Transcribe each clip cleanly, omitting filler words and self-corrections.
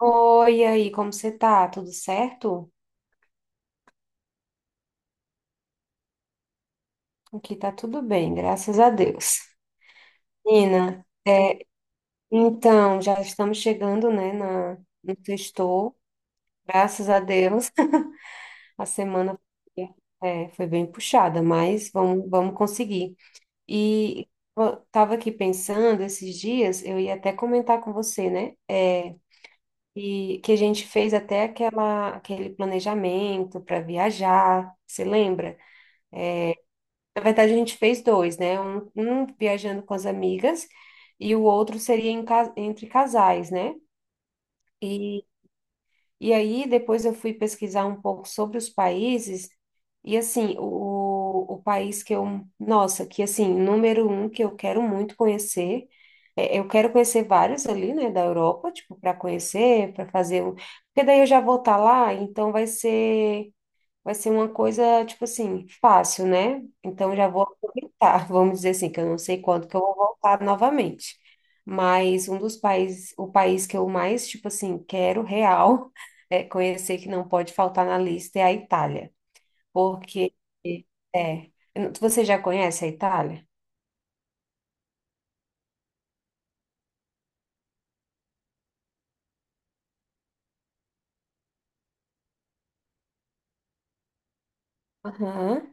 Oi, e aí, como você tá? Tudo certo? Aqui tá tudo bem, graças a Deus. Nina, é, então, já estamos chegando, né, no sextou, graças a Deus. A semana é, foi bem puxada, mas vamos conseguir. E eu tava aqui pensando esses dias, eu ia até comentar com você, né, é, e que a gente fez até aquele planejamento para viajar, você lembra? Na verdade, a gente fez dois, né? Um viajando com as amigas e o outro seria em entre casais, né? E, e aí depois eu fui pesquisar um pouco sobre os países e assim, o país que eu, nossa, que assim, número um que eu quero muito conhecer, é, eu quero conhecer vários ali, né, da Europa, tipo, para conhecer, para fazer o, porque daí eu já vou estar lá, então vai ser uma coisa, tipo assim, fácil, né? Então já vou aproveitar, vamos dizer assim, que eu não sei quando que eu vou voltar novamente. Mas um dos países, o país que eu mais, tipo assim, quero real, é conhecer que não pode faltar na lista é a Itália. Porque, é, você já conhece a Itália? Aham.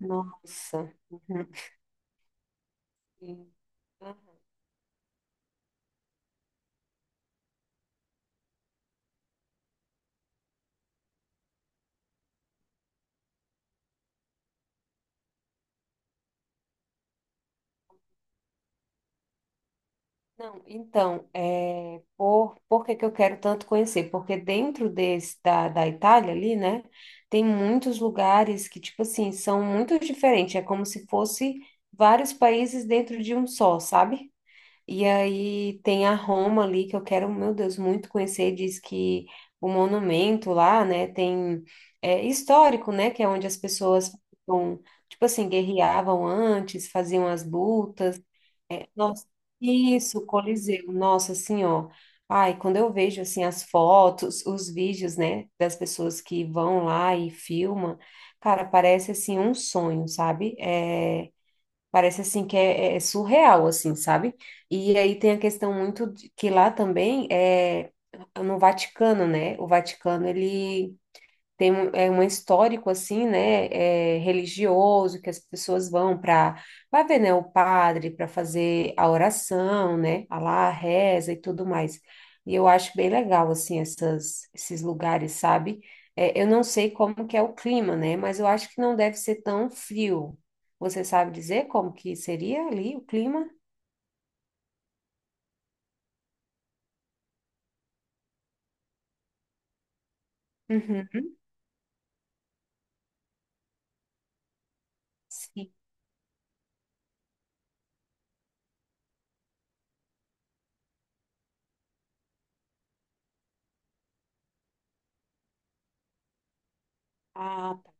Nossa. Uhum. Não, então, é, por que que eu quero tanto conhecer? Porque dentro desse, da Itália ali, né, tem muitos lugares que, tipo assim, são muito diferentes. É como se fosse vários países dentro de um só, sabe? E aí tem a Roma ali, que eu quero, meu Deus, muito conhecer. Diz que o monumento lá, né, tem... É histórico, né, que é onde as pessoas vão, tipo assim, guerreavam antes, faziam as lutas, é, nossa, isso, Coliseu, nossa, assim, ó. Ai, quando eu vejo, assim, as fotos, os vídeos, né, das pessoas que vão lá e filmam, cara, parece, assim, um sonho, sabe? É, parece, assim, que é surreal, assim, sabe? E aí tem a questão muito de, que lá também é no Vaticano, né? O Vaticano, ele tem um, é um histórico assim, né, é, religioso que as pessoas vão para, vai ver, né, o padre para fazer a oração, né, a lá a reza e tudo mais. E eu acho bem legal esses lugares, sabe? É, eu não sei como que é o clima, né, mas eu acho que não deve ser tão frio. Você sabe dizer como que seria ali o clima? Uhum. Sim. Ah, tá.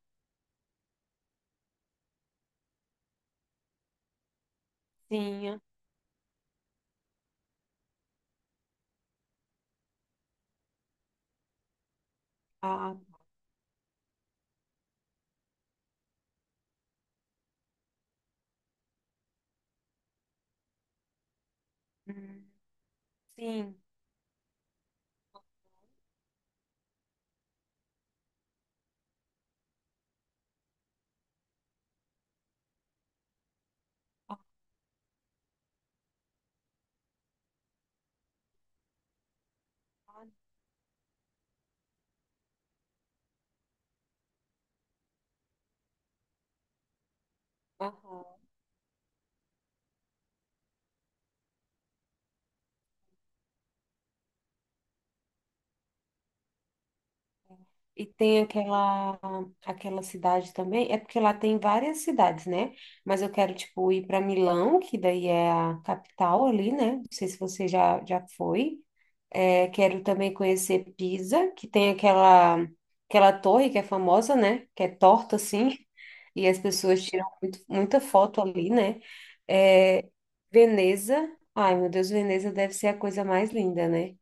Sim. Ah, hum, sim. Ah, aham. E tem aquela, aquela cidade também, é porque lá tem várias cidades, né? Mas eu quero, tipo, ir para Milão, que daí é a capital ali, né? Não sei se você já foi. É, quero também conhecer Pisa, que tem aquela, aquela torre que é famosa, né? Que é torta, assim, e as pessoas tiram muita foto ali, né? É, Veneza, ai meu Deus, Veneza deve ser a coisa mais linda, né?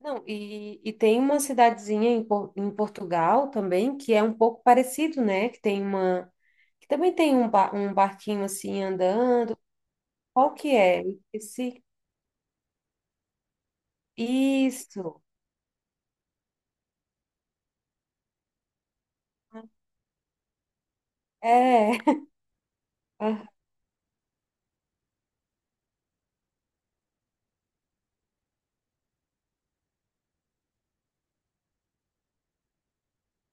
Não, e tem uma cidadezinha em, em Portugal também que é um pouco parecido, né? Que tem uma, que também tem um, um barquinho assim andando. Qual que é? Esse, isso. É. Ah,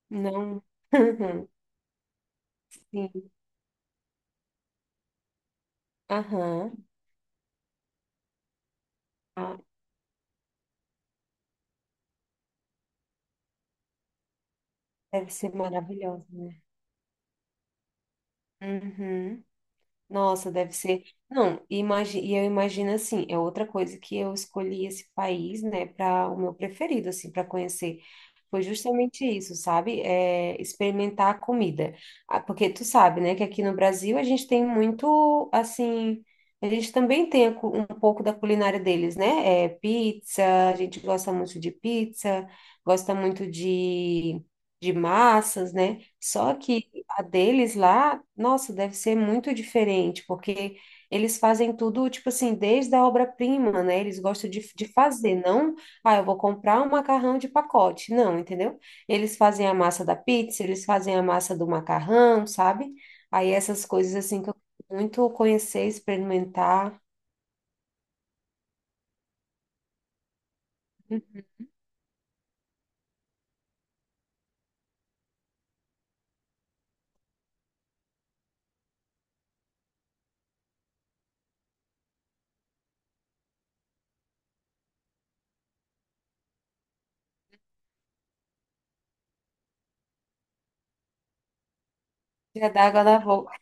não. Sim. Aham. Ah, deve ser maravilhoso, né? Uhum. Nossa, deve ser. Não, imagi... e eu imagino assim, é outra coisa que eu escolhi esse país, né, para o meu preferido, assim, para conhecer. Foi justamente isso, sabe? É, experimentar a comida. Ah, porque tu sabe, né, que aqui no Brasil a gente tem muito, assim, a gente também tem a um pouco da culinária deles, né? É, pizza, a gente gosta muito de pizza, gosta muito de massas, né? Só que a deles lá, nossa, deve ser muito diferente, porque eles fazem tudo, tipo assim, desde a obra-prima, né? Eles gostam de fazer, não, ah, eu vou comprar um macarrão de pacote. Não, entendeu? Eles fazem a massa da pizza, eles fazem a massa do macarrão, sabe? Aí essas coisas, assim, que eu quero muito conhecer, experimentar. Hum. Já dá água na boca.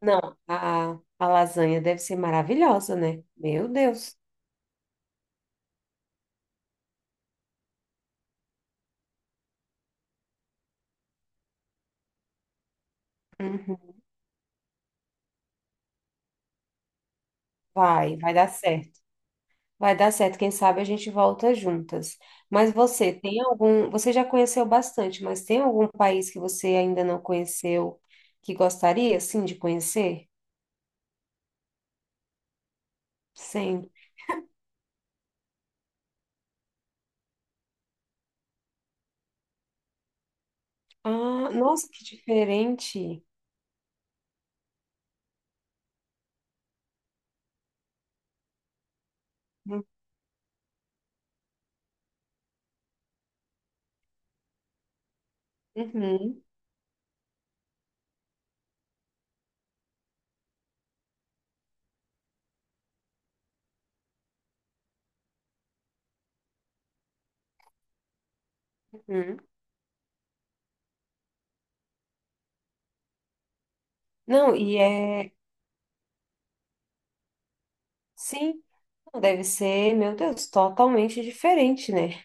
Não, a lasanha deve ser maravilhosa, né? Meu Deus. Uhum. Vai dar certo. Vai dar certo, quem sabe a gente volta juntas. Mas você tem algum, você já conheceu bastante, mas tem algum país que você ainda não conheceu que gostaria sim de conhecer? Sim. Ah, nossa, que diferente. Hum. Uhum, uhum. Não, e é, sim, deve ser, meu Deus, totalmente diferente, né?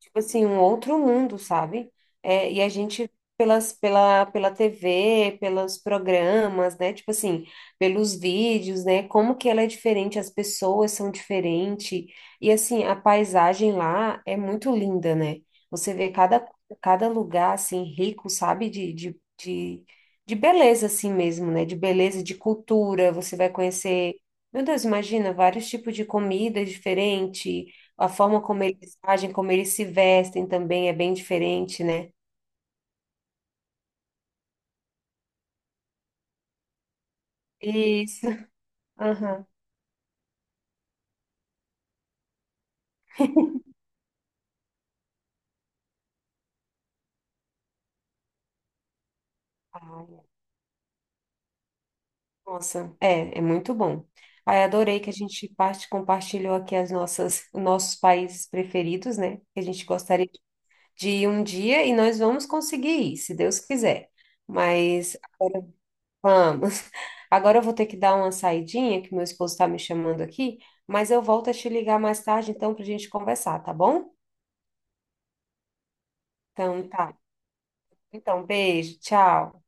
Tipo assim, um outro mundo, sabe? É, e a gente, pelas, pela TV, pelos programas, né? Tipo assim, pelos vídeos, né? Como que ela é diferente, as pessoas são diferentes. E assim, a paisagem lá é muito linda, né? Você vê cada, cada lugar, assim, rico, sabe? De beleza, assim mesmo, né? De beleza, de cultura. Você vai conhecer... Meu Deus, imagina, vários tipos de comida diferentes, a forma como eles agem, como eles se vestem também é bem diferente, né? Isso. Aham. Ai, nossa, é, é muito bom. Ai, adorei que a gente parte, compartilhou aqui as nossas, nossos países preferidos, né? Que a gente gostaria de ir um dia e nós vamos conseguir ir, se Deus quiser. Mas agora vamos. Agora eu vou ter que dar uma saidinha, que meu esposo está me chamando aqui, mas eu volto a te ligar mais tarde, então, para a gente conversar, tá bom? Então, tá. Então, beijo, tchau.